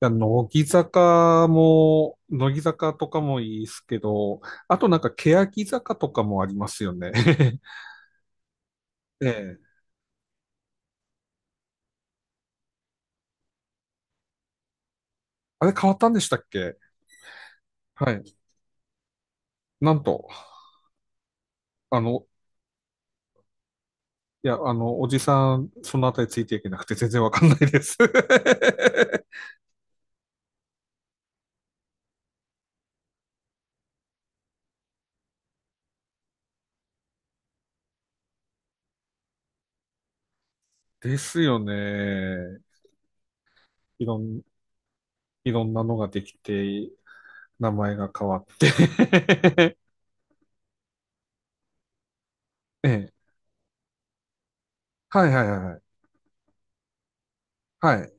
や、乃木坂も、乃木坂とかもいいですけど、あとなんか、欅坂とかもありますよね。ええ。あれ変わったんでしたっけ？はい。なんと、あの、いや、あの、おじさん、そのあたりついていけなくて全然わかんないです。ですよね。いろん、いろんなのができて、名前が変わって。 ええ。はいはいはいはい。はい。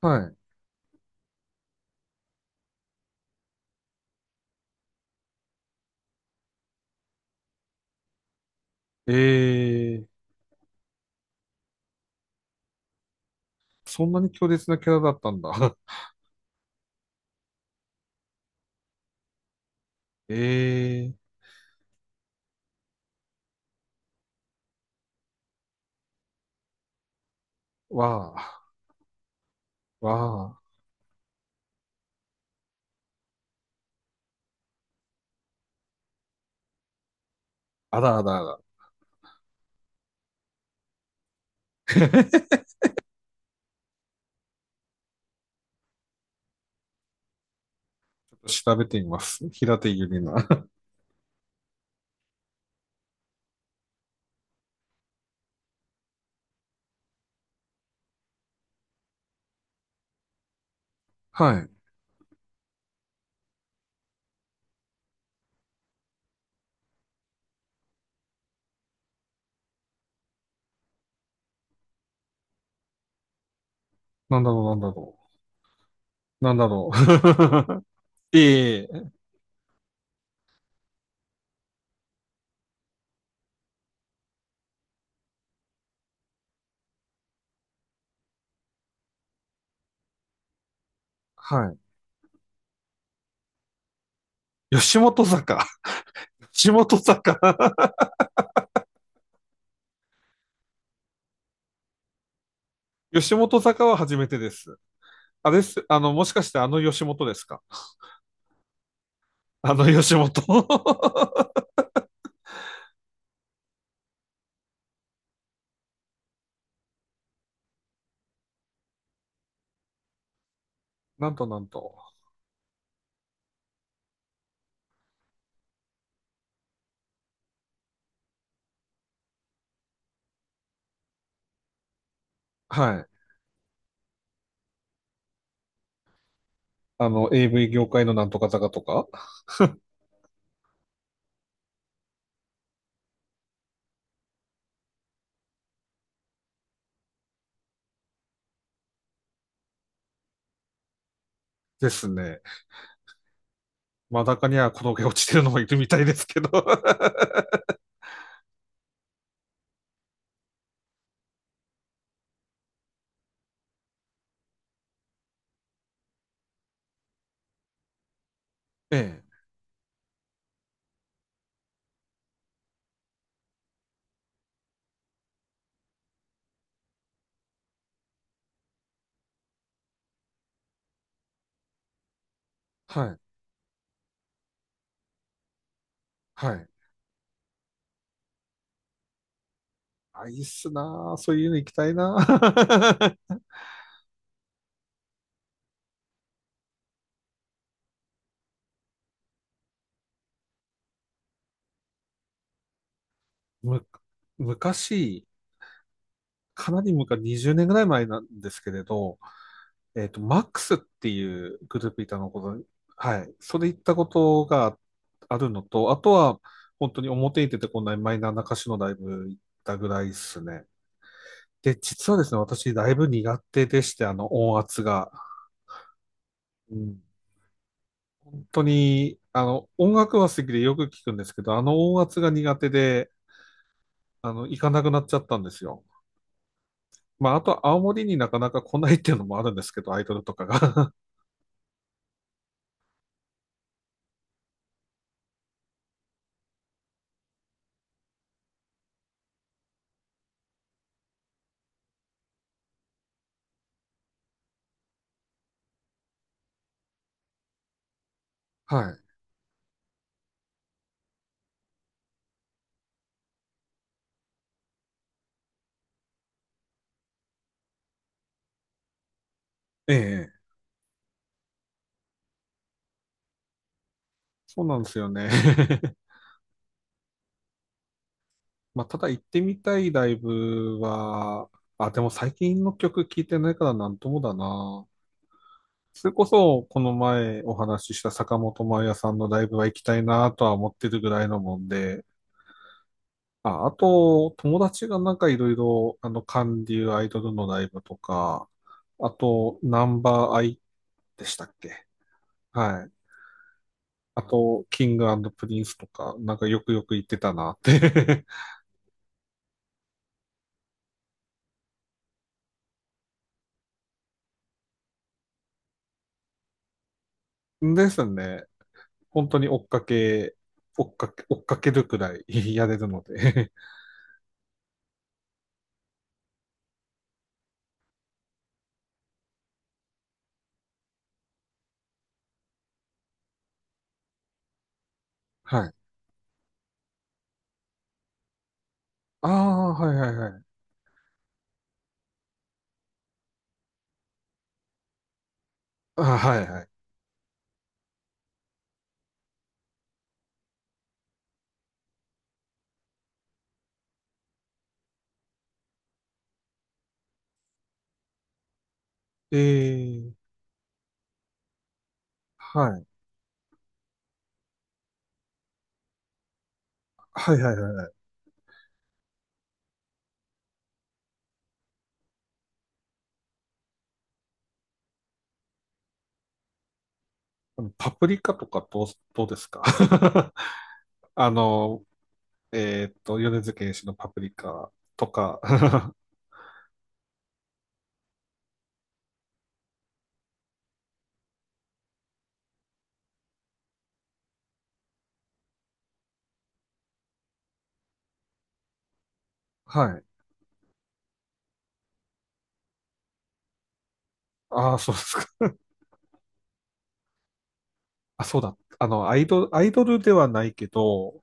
はい。ええ、そんなに強烈なキャラだったんだ。ええー。わあ、わあ、あらあらあら。調べてみます。平手ゆりな。はい。なんだろう、なんだろう。なんだろう。ええ。はい。吉本坂。吉本坂。吉本坂は初めてです。あれです。あの、もしかしてあの吉本ですか？あの吉本。 なんとなんと。はい。あの、AV 業界のなんとか坂とかですね。真ん中には転げ落ちてるのもいるみたいですけど。 ええ。はい。はい。あ、いいっすなあ。そういうの行きたいなあ。む、昔、かなり昔、20年ぐらい前なんですけれど、えっと、マックスっていうグループいたのこと、はい。それ行ったことがあるのと、あとは、本当に表に出てこないマイナーな歌手のライブ行ったぐらいですね。で、実はですね、私、ライブ苦手でして、あの、音圧が。うん、本当に、あの、音楽は好きでよく聞くんですけど、あの音圧が苦手で、あの、行かなくなっちゃったんですよ。まあ、あと、青森になかなか来ないっていうのもあるんですけど、アイドルとかが。はい。ええ。そうなんですよね。まあ、ただ行ってみたいライブは、あ、でも最近の曲聴いてないからなんともだな。それこそ、この前お話しした坂本真綾さんのライブは行きたいなとは思ってるぐらいのもんで、あ、あと、友達がなんかいろいろ、あの、韓流アイドルのライブとか、あと、ナンバーアイでしたっけ？はい。あと、キングプリンスとか、なんかよくよく言ってたなって。 ですね。本当に追っかけ、るくらい、 やれるので。 はい。ああ、はいはいはい。あ、はいはい。ええ、はい。はいはいはい。あのパプリカとかどう、どうですか？ あの、米津玄師のパプリカとか。 はい。ああ、そうですか。あ、そうだ。あの、アイドル、アイドルではないけど、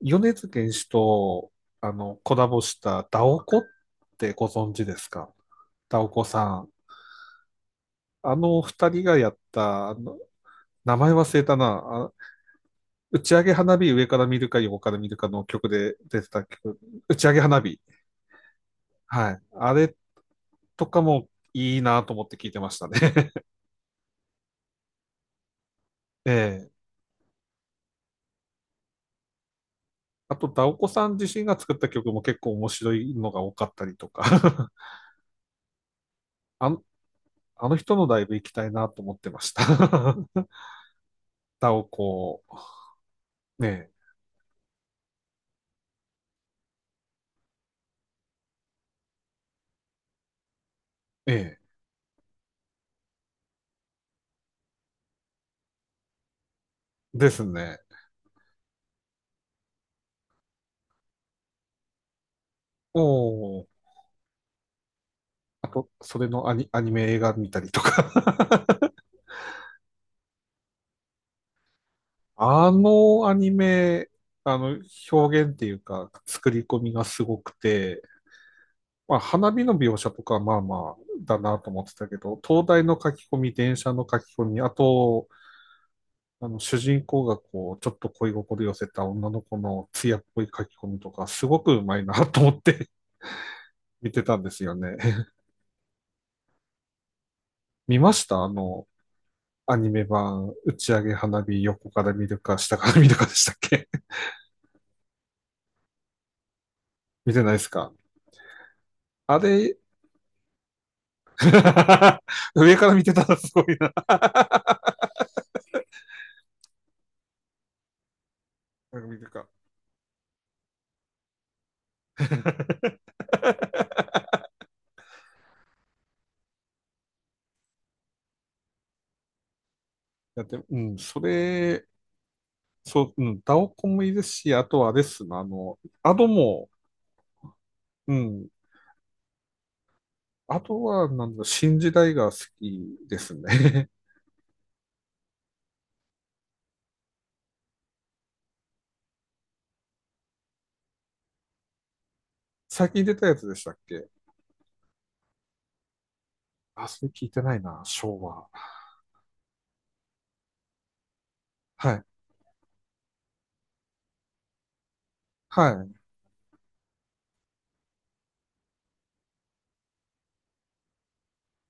米津玄師と、あの、コラボしたダオコってご存知ですか？ダオコさん。あの二人がやった、あの、名前忘れたな。あ、打ち上げ花火上から見るか横から見るかの曲で出てた曲。打ち上げ花火。はい。あれとかもいいなと思って聞いてましたね。ええ。あと、ダオコさん自身が作った曲も結構面白いのが多かったりとか。あの、あの人のライブ行きたいなと思ってました。ダオコ。ねえ。ええ。ですね。おお。あと、それのアニメ映画見たりとか。あのアニメ、あの、表現っていうか、作り込みがすごくて、まあ、花火の描写とかはまあまあだなと思ってたけど、灯台の書き込み、電車の書き込み、あと、あの、主人公がこう、ちょっと恋心寄せた女の子の艶っぽい書き込みとか、すごくうまいなと思って、 見てたんですよね。見ました、あの、アニメ版、打ち上げ花火、横から見るか、下から見るかでしたっけ？ 見てないですか？あれ。 上から見てたらすごいな。見るか。 だって、うん、それ、そう、うん、ダオコンもいいですし、あとはあれっすな、あの、アドも、うん、あとは、なんだ、新時代が好きですね。最近出たやつでしたっけ？あ、それ聞いてないな、昭和。はい。はい。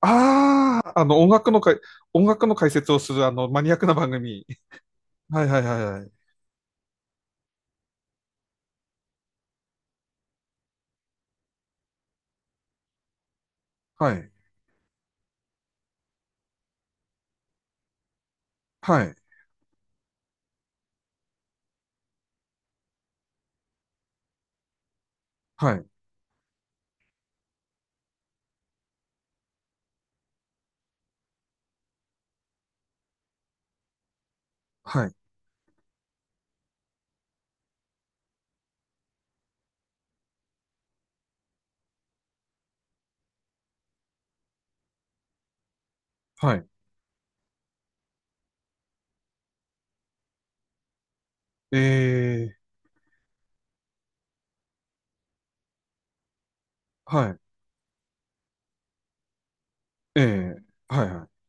ああ、あの、音楽のかい、音楽の解説をする、あの、マニアックな番組。はいはいはいはい。はい。はい。はい。はい。はい。えー、はい。えー、はいはい。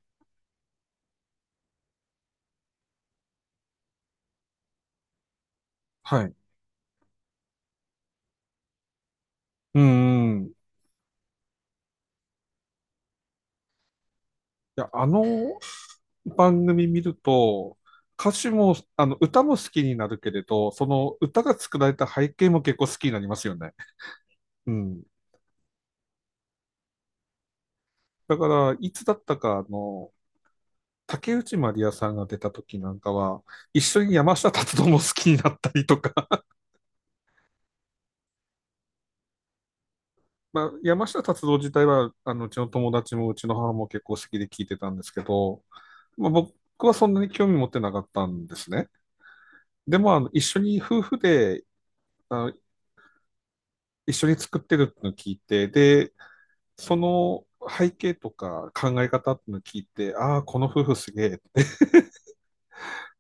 はい。うーん。いや、あの番組見ると、歌詞も、あの、歌も好きになるけれど、その歌が作られた背景も結構好きになりますよね。うん。だから、いつだったか、あの、竹内まりやさんが出た時なんかは、一緒に山下達郎も好きになったりとか、まあ、山下達郎自体は、あの、うちの友達もうちの母も結構好きで聞いてたんですけど、まあ、僕はそんなに興味持ってなかったんですね。でも、あの、一緒に夫婦で、あの、一緒に作ってるってのを聞いて、で、その背景とか考え方ってのを聞いて、ああ、この夫婦すげえって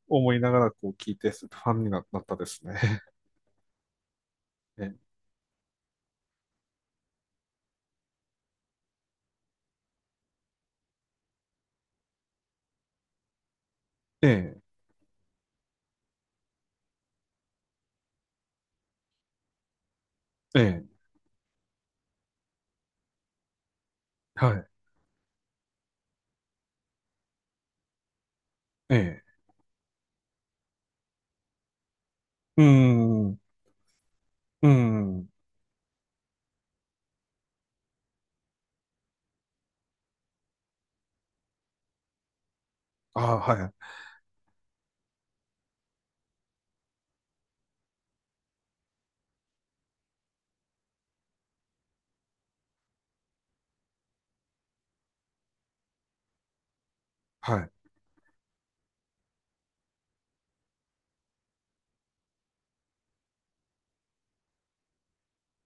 思いながらこう聞いて、ファンになったですね。ええ、ええ、ええ、はい、ええ、うーん、うーん、ああ、はい、はい、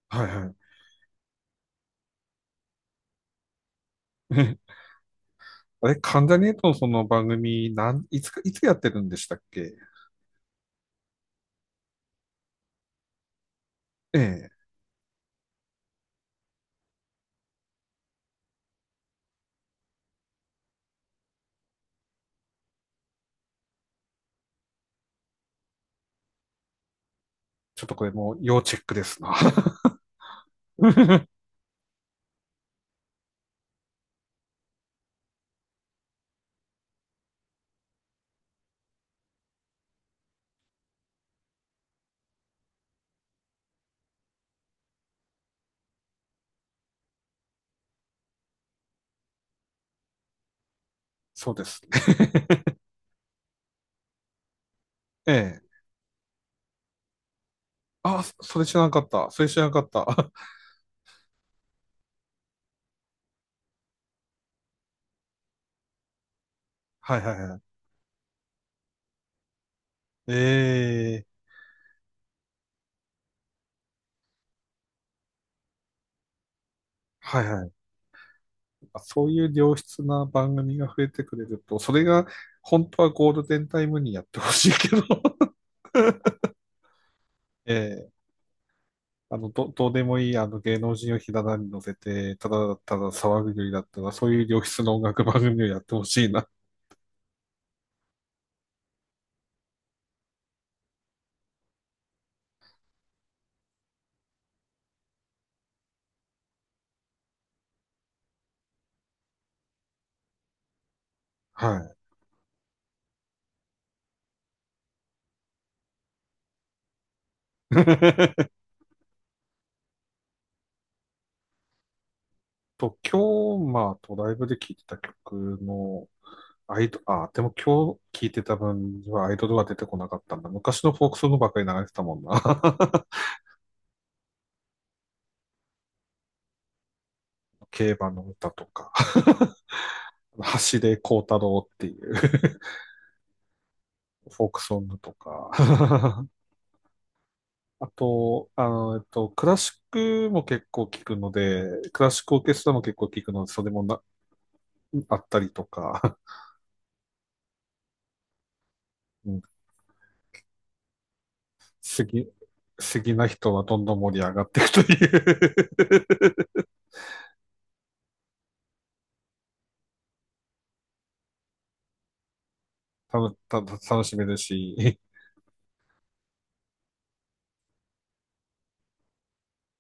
はい、はい。あれ、関ジャニ∞のその番組、なん、いつか、いつやってるんでしたっけ？ええ。ちょっとこれもう要チェックですな。そうですね。ええ。あ、そそれ知らなかった。それ知らなかった。はいはいはい。ええ。はいはい。あ、そういう良質な番組が増えてくれると、それが本当はゴールデンタイムにやってほしいけど。 ええ。あの、どうでもいい、あの、芸能人をひな壇に乗せて、ただただ騒ぐよりだったら、そういう良質の音楽番組をやってほしいな。はい。と、今日、まあ、ドライブで聴いてた曲の、アイド、あ、でも今日聴いてた分にはアイドルは出てこなかったんだ。昔のフォークソングばっかり流れてたもんな。競馬の歌とか、橋で幸太郎っていう、 フォークソングとか。あと、あの、クラシックも結構聴くので、クラシックオーケストラも結構聴くので、それもな、あったりとか、うん、好きな人はどんどん盛り上がっていくという。 たのた、 楽しめるし、